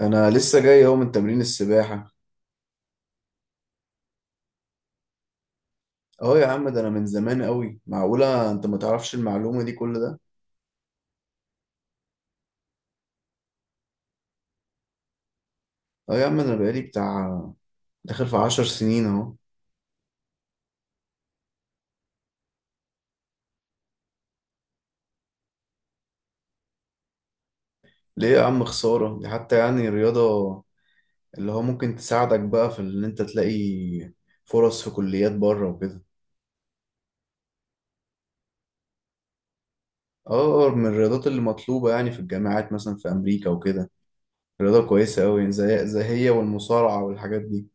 انا لسه جاي اهو من تمرين السباحه. اه يا عم، ده انا من زمان قوي، معقوله انت ما تعرفش المعلومه دي كل ده؟ اه يا عم، انا بقالي بتاع داخل في عشر سنين اهو. ليه يا عم، خساره دي حتى، يعني رياضه اللي هو ممكن تساعدك بقى في ان انت تلاقي فرص في كليات بره وكده. اه، من الرياضات اللي مطلوبه يعني في الجامعات، مثلا في امريكا وكده، رياضه كويسه قوي يعني، زي هي والمصارعه والحاجات دي.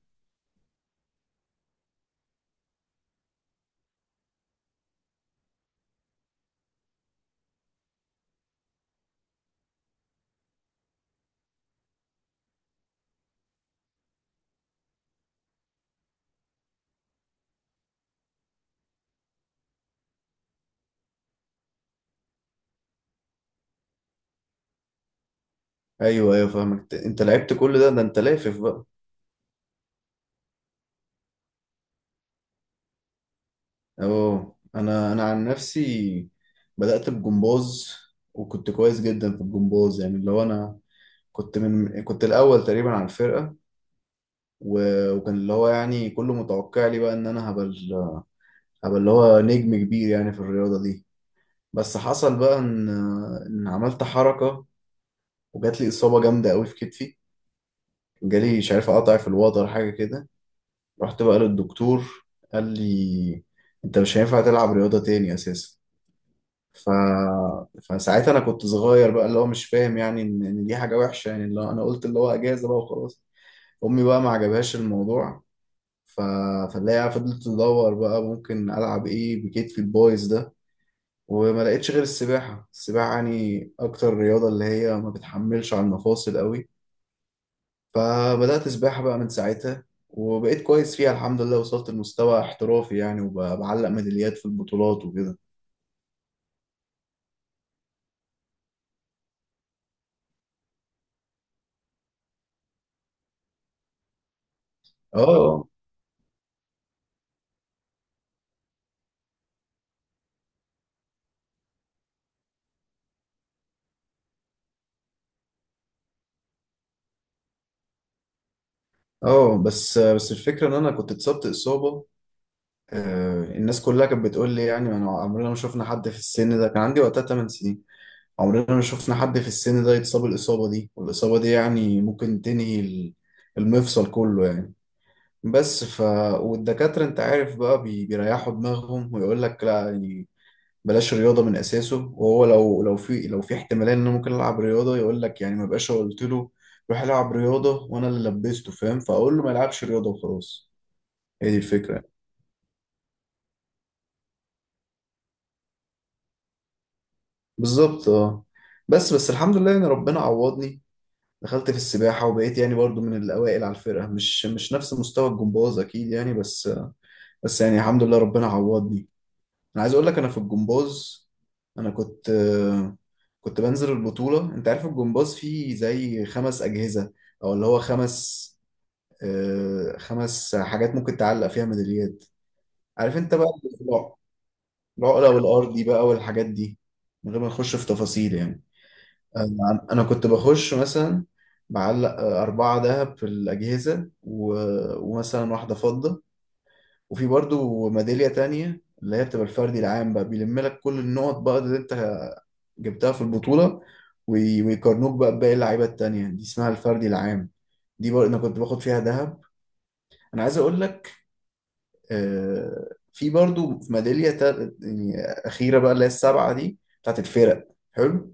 ايوه ايوه، فاهمك، انت لعبت كل ده انت لافف بقى. اه، انا عن نفسي بدأت بجمباز، وكنت كويس جدا في الجمباز، يعني اللي هو انا كنت الاول تقريبا على الفرقة، و- وكان اللي هو يعني كله متوقع لي بقى ان انا هبقى هبقى اللي هو نجم كبير يعني في الرياضة دي. بس حصل بقى ان عملت حركة، وجات لي إصابة جامدة قوي في كتفي، جالي مش عارف اقطع في الوتر حاجة كده. رحت بقى للدكتور، قال لي انت مش هينفع تلعب رياضة تاني اساسا. ف... فساعتها انا كنت صغير بقى، اللي هو مش فاهم يعني إن دي حاجه وحشه، يعني اللي هو انا قلت اللي هو اجازه بقى وخلاص. امي بقى ما عجبهاش الموضوع. ف... فاللي هي فضلت تدور بقى ممكن العب ايه بكتفي البايظ ده، وما لقيتش غير السباحه. السباحه يعني اكتر رياضه اللي هي ما بتحملش على المفاصل قوي، فبدات سباحه بقى من ساعتها، وبقيت كويس فيها الحمد لله، وصلت لمستوى احترافي يعني، وبعلق ميداليات في البطولات وكده. اه. اه، بس الفكرة ان انا كنت اتصبت اصابة، الناس كلها كانت بتقول لي يعني انا عمرنا ما شفنا حد في السن ده، كان عندي وقتها 8 سنين. عمرنا ما شفنا حد في السن ده يتصاب الاصابة دي، والاصابة دي يعني ممكن تنهي المفصل كله يعني. بس والدكاترة انت عارف بقى بيريحوا دماغهم، ويقول لك لا يعني بلاش رياضة من اساسه، وهو لو في احتمالية ان انا ممكن العب رياضة يقول لك يعني ما بقاش، قلت له روح العب رياضة وانا اللي لبسته فاهم، فاقول له ما يلعبش رياضة وخلاص. هي دي الفكرة. بالظبط، اه. بس الحمد لله يعني ربنا عوضني، دخلت في السباحة وبقيت يعني برضو من الأوائل على الفرقة، مش نفس مستوى الجمباز أكيد يعني، بس يعني الحمد لله ربنا عوضني. أنا عايز أقول لك أنا في الجمباز أنا كنت كنت بنزل البطولة. أنت عارف الجمباز فيه زي خمس أجهزة، أو اللي هو خمس حاجات ممكن تعلق فيها ميداليات. عارف أنت بقى، العقلة والأرضي بقى والحاجات دي، من غير ما نخش في تفاصيل يعني. أنا كنت بخش مثلا معلق اربعه دهب في الاجهزه، ومثلا واحده فضه. وفي برضو ميداليه تانية اللي هي بتبقى الفردي العام بقى، بيلم لك كل النقط بقى اللي انت جبتها في البطوله، وي... ويقارنوك بقى بباقي اللعيبه التانية، دي اسمها الفردي العام. دي برضو انا كنت باخد فيها دهب. انا عايز اقول لك في برضو ميداليه يعني اخيره بقى اللي هي السبعه دي بتاعت الفرق. حلو.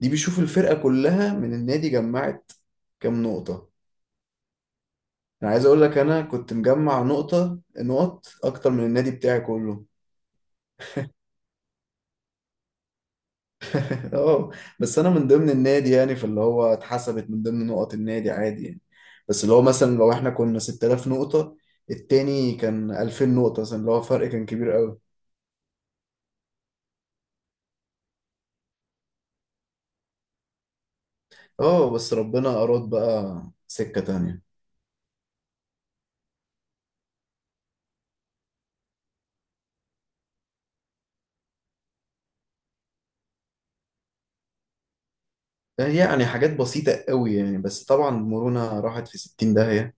دي بيشوف الفرقة كلها من النادي جمعت كام نقطة. انا عايز اقول لك انا كنت مجمع نقط اكتر من النادي بتاعي كله. اه، بس انا من ضمن النادي يعني، فاللي هو اتحسبت من ضمن نقط النادي عادي يعني، بس اللي هو مثلا لو احنا كنا 6000 نقطة، التاني كان 2000 نقطة مثلا، اللي هو فرق كان كبير قوي. اه، بس ربنا اراد بقى سكة تانية. يعني حاجات بسيطة قوي يعني، بس طبعا المرونة راحت في 60 داهية،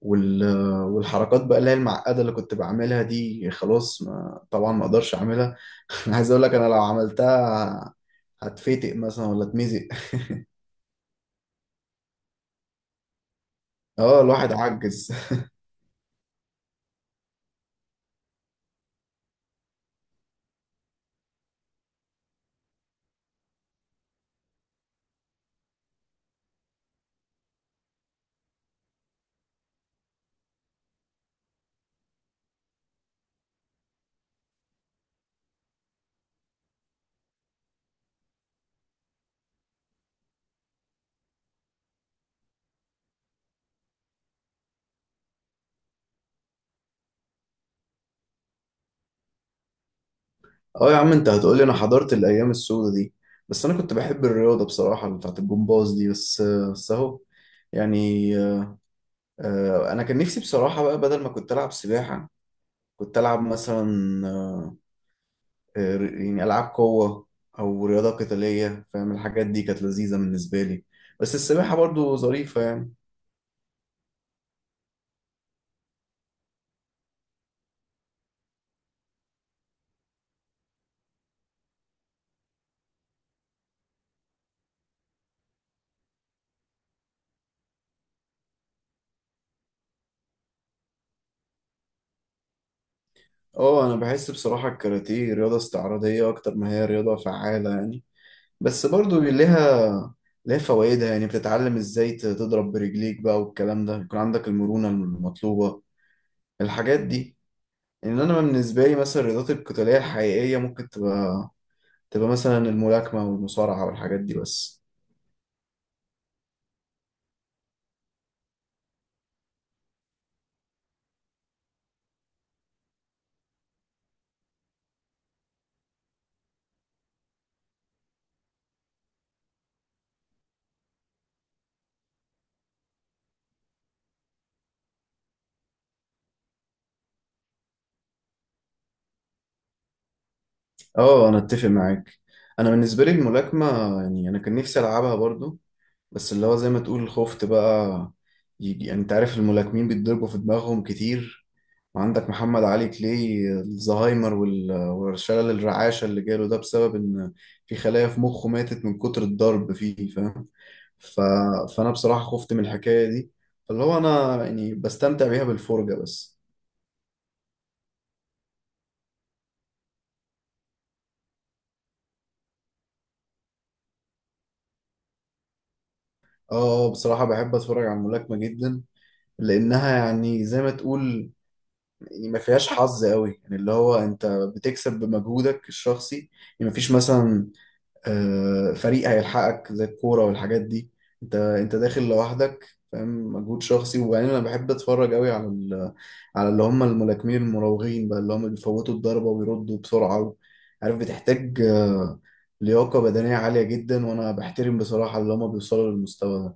وال... والحركات بقى اللي هي المعقدة اللي كنت بعملها دي خلاص، ما... طبعا ما اقدرش اعملها. انا عايز اقول لك انا لو عملتها هتفتق مثلا ولا اتمزق. اه، الواحد عجز. اه يا عم، انت هتقولي انا حضرت الايام السوداء دي. بس انا كنت بحب الرياضة بصراحة اللي بتاعت الجمباز دي، بس اهو يعني. انا كان نفسي بصراحة بقى بدل ما كنت العب سباحة كنت العب مثلا آه، يعني ألعاب قوة أو رياضة قتالية فاهم، الحاجات دي كانت لذيذة بالنسبة لي. بس السباحة برضو ظريفة يعني. اه، أنا بحس بصراحة الكاراتيه رياضة استعراضية أكتر ما هي رياضة فعالة يعني، بس برضو ليها فوائدها، يعني بتتعلم ازاي تضرب برجليك بقى والكلام ده، يكون عندك المرونة المطلوبة، الحاجات دي. ان انا بالنسبة لي مثلا الرياضات القتالية الحقيقية ممكن تبقى مثلا الملاكمة والمصارعة والحاجات دي بس. اه، انا اتفق معاك. انا بالنسبه لي الملاكمه، يعني انا كان نفسي العبها برضو، بس اللي هو زي ما تقول خفت بقى يجي، يعني انت عارف الملاكمين بيتضربوا في دماغهم كتير، وعندك محمد علي كلاي الزهايمر وال- والشلل الرعاشه اللي جاله ده بسبب ان في خلايا في مخه ماتت من كتر الضرب فيه فاهم. ف... فانا بصراحه خفت من الحكايه دي، فاللي هو انا يعني بستمتع بيها بالفرجه بس. اه، بصراحه بحب اتفرج على الملاكمه جدا، لانها يعني زي ما تقول، يعني ما فيهاش حظ قوي، يعني اللي هو انت بتكسب بمجهودك الشخصي، يعني ما فيش مثلا فريق هيلحقك زي الكورة والحاجات دي، انت داخل لوحدك فاهم، مجهود شخصي. وبعدين انا بحب اتفرج قوي على اللي هم الملاكمين المراوغين بقى، اللي هم بيفوتوا الضربة ويردوا بسرعة، عارف بتحتاج لياقة بدنية عالية جدا، وانا بحترم بصراحة اللي هم بيوصلوا للمستوى ده.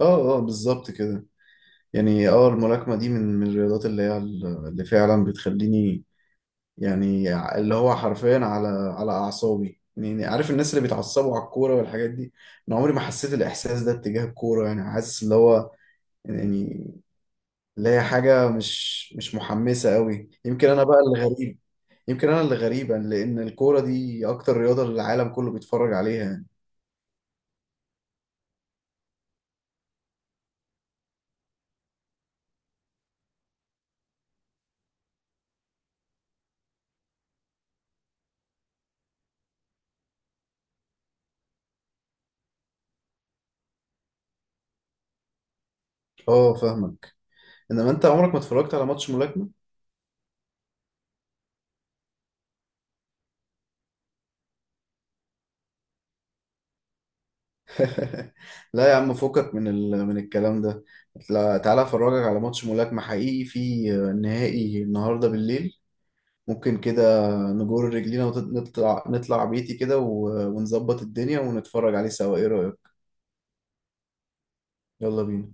اه اه، بالظبط كده. يعني اه الملاكمة دي من الرياضات اللي هي اللي فعلا بتخليني، يعني اللي هو حرفيا على اعصابي، يعني عارف الناس اللي بيتعصبوا على الكوره والحاجات دي، انا عمري ما حسيت الاحساس ده اتجاه الكوره. يعني حاسس اللي هو يعني اللي هي حاجه مش محمسه قوي، يمكن انا بقى اللي غريب. يمكن انا اللي غريب لان الكوره دي اكتر رياضه العالم كله بيتفرج عليها يعني. اه، فاهمك، انما انت عمرك ما اتفرجت على ماتش ملاكمه. لا يا عم، فكك من الكلام ده، لا، تعالى افرجك على ماتش ملاكمه حقيقي في نهائي النهارده بالليل. ممكن كده نجر رجلينا ونطلع بيتي كده، و- ونظبط الدنيا ونتفرج عليه سوا، ايه رأيك؟ يلا بينا.